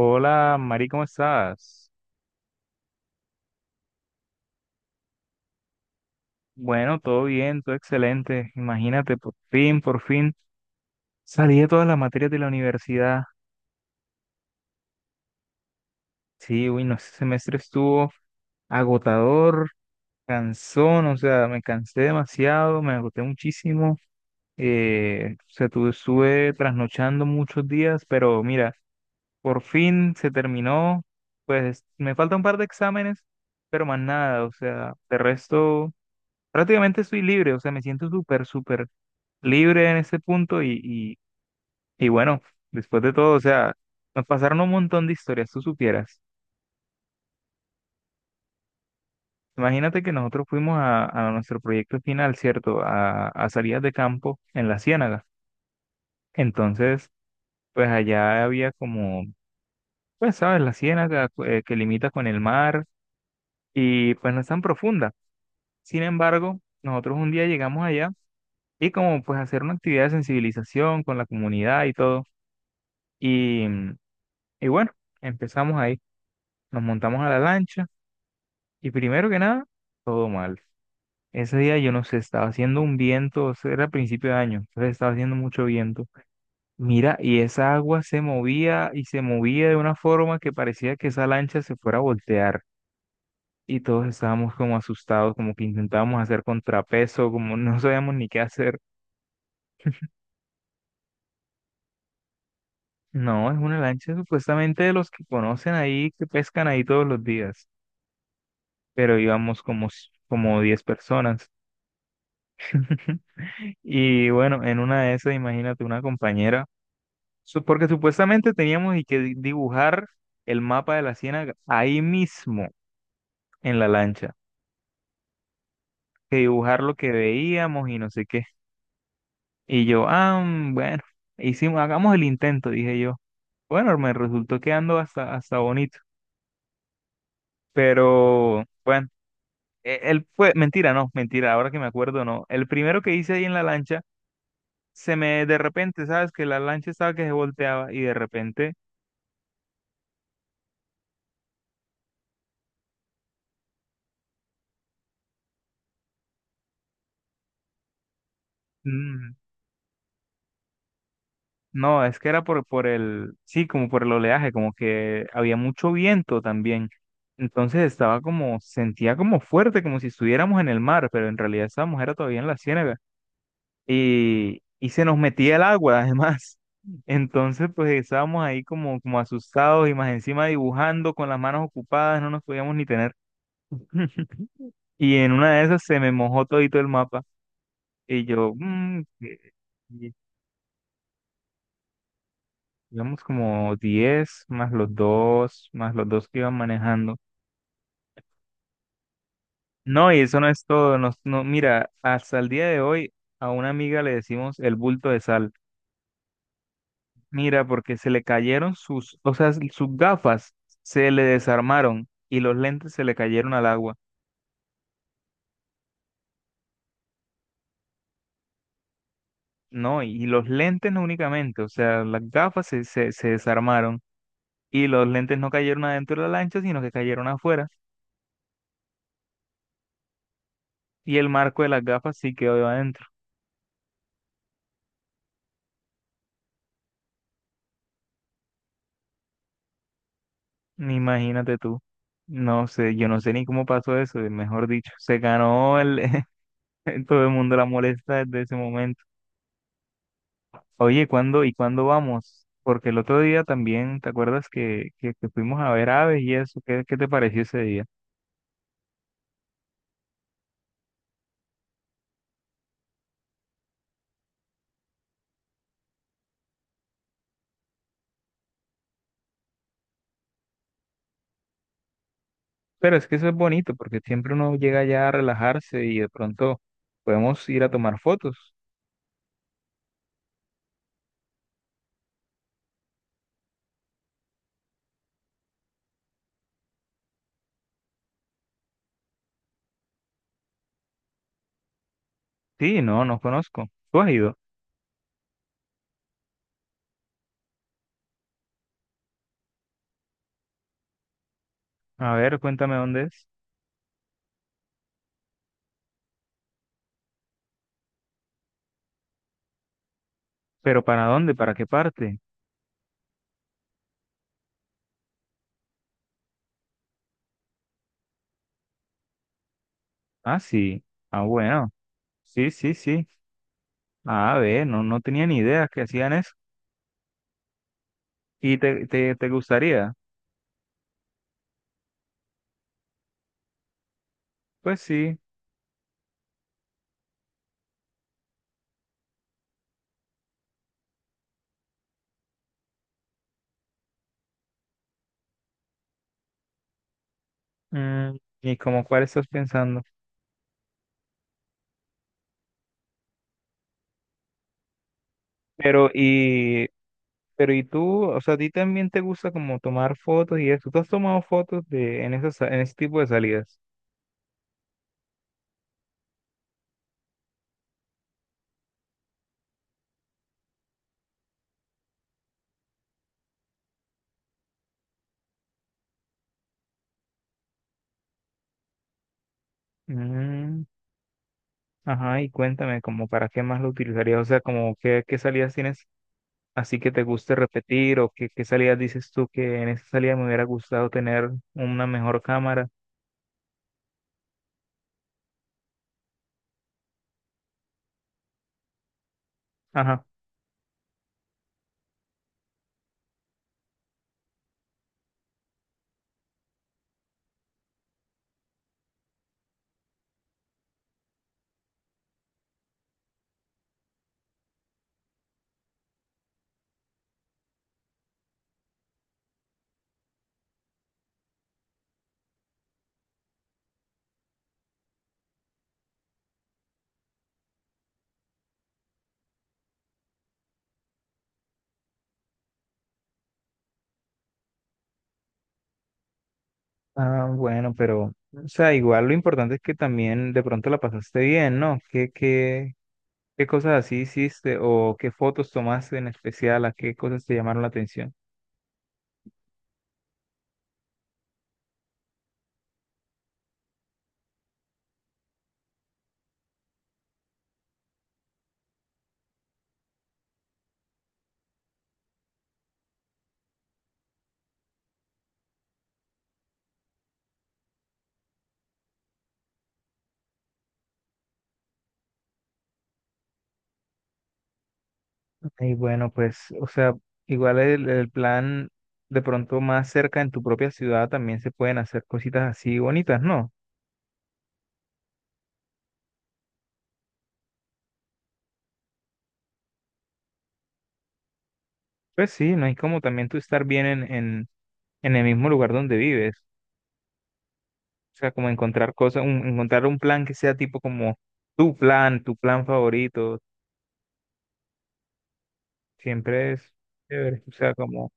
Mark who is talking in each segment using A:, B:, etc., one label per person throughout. A: Hola, Mari, ¿cómo estás? Bueno, todo bien, todo excelente. Imagínate, por fin salí de todas las materias de la universidad. Sí, uy, no, ese semestre estuvo agotador, cansón, o sea, me cansé demasiado, me agoté muchísimo. O sea, estuve trasnochando muchos días, pero mira, por fin se terminó. Pues me falta un par de exámenes, pero más nada, o sea, de resto. Prácticamente estoy libre, o sea, me siento súper, súper libre en ese punto y bueno, después de todo, o sea, nos pasaron un montón de historias, tú supieras. Imagínate que nosotros fuimos a nuestro proyecto final, ¿cierto? A salidas de campo en la Ciénaga. Entonces, pues allá había como, pues sabes, la Ciénaga que limita con el mar y pues no es tan profunda. Sin embargo, nosotros un día llegamos allá y como pues hacer una actividad de sensibilización con la comunidad y todo. Y, mm, Y bueno, empezamos ahí, nos montamos a la lancha y primero que nada, todo mal. Ese día yo no sé, estaba haciendo un viento, o sea, era a principio de año, entonces estaba haciendo mucho viento. Mira, y esa agua se movía y se movía de una forma que parecía que esa lancha se fuera a voltear. Y todos estábamos como asustados, como que intentábamos hacer contrapeso, como no sabíamos ni qué hacer. No, es una lancha supuestamente de los que conocen ahí, que pescan ahí todos los días, pero íbamos como, como 10 personas. Y bueno, en una de esas, imagínate una compañera, porque supuestamente teníamos y que dibujar el mapa de la ciénaga ahí mismo en la lancha, que dibujar lo que veíamos y no sé qué. Y yo, bueno, hagamos el intento, dije yo. Bueno, me resultó quedando hasta bonito, pero bueno, él fue, mentira, no, mentira, ahora que me acuerdo, no. El primero que hice ahí en la lancha, se me de repente, ¿sabes? Que la lancha estaba que se volteaba y de repente. Mm, No, es que era por el, sí, como por el oleaje, como que había mucho viento también. Entonces sentía como fuerte, como si estuviéramos en el mar, pero en realidad estábamos era todavía en la ciénaga. Y se nos metía el agua, además. Entonces, pues estábamos ahí como asustados y más encima dibujando con las manos ocupadas, no nos podíamos ni tener. Y en una de esas se me mojó todito el mapa. Y yo, ¿qué? Digamos como 10 más los dos que iban manejando. No, y eso no es todo. No, mira, hasta el día de hoy a una amiga le decimos el bulto de sal. Mira, porque se le cayeron sus, o sea, sus gafas se le desarmaron y los lentes se le cayeron al agua. No, y los lentes no únicamente, o sea, las gafas se desarmaron y los lentes no cayeron adentro de la lancha, sino que cayeron afuera. Y el marco de las gafas sí quedó adentro. Imagínate tú. No sé, yo no sé ni cómo pasó eso, mejor dicho, se ganó el todo el mundo la molesta desde ese momento. Oye, ¿cuándo y cuándo vamos? Porque el otro día también, ¿te acuerdas que fuimos a ver aves y eso? ¿Qué te pareció ese día? Pero es que eso es bonito, porque siempre uno llega ya a relajarse y de pronto podemos ir a tomar fotos. Sí, no, no conozco. ¿Tú has ido? A ver, cuéntame dónde es. ¿Pero para dónde? ¿Para qué parte? Ah, sí. Ah, bueno. Sí, sí, sí. Ah, ve, no, no tenía ni idea que hacían eso. ¿Y te gustaría? Pues sí. Mm, ¿Y como cuál estás pensando? Pero, y, pero, ¿y tú? O sea, ¿a ti también te gusta como tomar fotos y eso? ¿Tú has tomado fotos en ese tipo de salidas? Mm, ajá, y cuéntame, ¿como para qué más lo utilizarías? O sea, como qué, qué, salidas tienes así que te guste repetir o qué salidas dices tú que en esa salida me hubiera gustado tener una mejor cámara. Ajá. Ah, bueno, pero, o sea, igual lo importante es que también de pronto la pasaste bien, ¿no? ¿Qué cosas así hiciste o qué fotos tomaste en especial, a qué cosas te llamaron la atención? Y bueno, pues, o sea, igual el plan de pronto más cerca en tu propia ciudad también se pueden hacer cositas así bonitas, ¿no? Pues sí, no es como también tú estar bien en, en el mismo lugar donde vives. O sea, como encontrar cosas, encontrar un plan que sea tipo como tu plan favorito, siempre es chévere. O sea, como,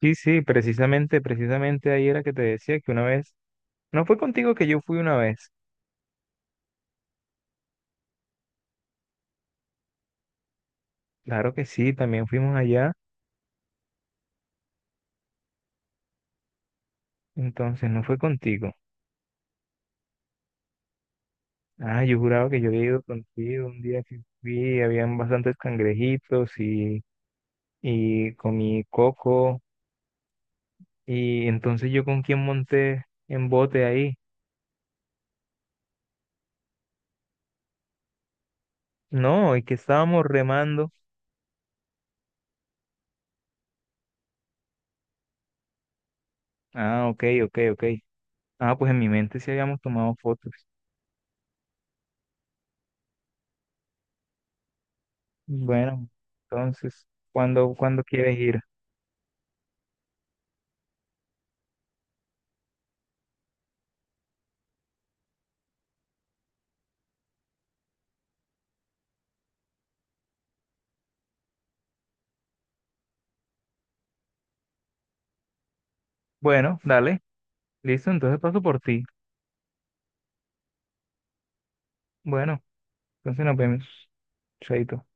A: sí, sí, precisamente, precisamente ahí era que te decía que una vez, no fue contigo que yo fui una vez. Claro que sí, también fuimos allá, entonces no fue contigo. Ah, yo juraba que yo había ido contigo un día que fui, habían bastantes cangrejitos y comí coco. Y entonces yo con quién monté en bote ahí. No, es que estábamos remando. Ah, ok, ok, ok. Ah, pues en mi mente sí habíamos tomado fotos. Bueno, entonces, ¿cuándo quieres ir? Bueno, dale, listo, entonces paso por ti. Bueno, entonces nos vemos. Chaito.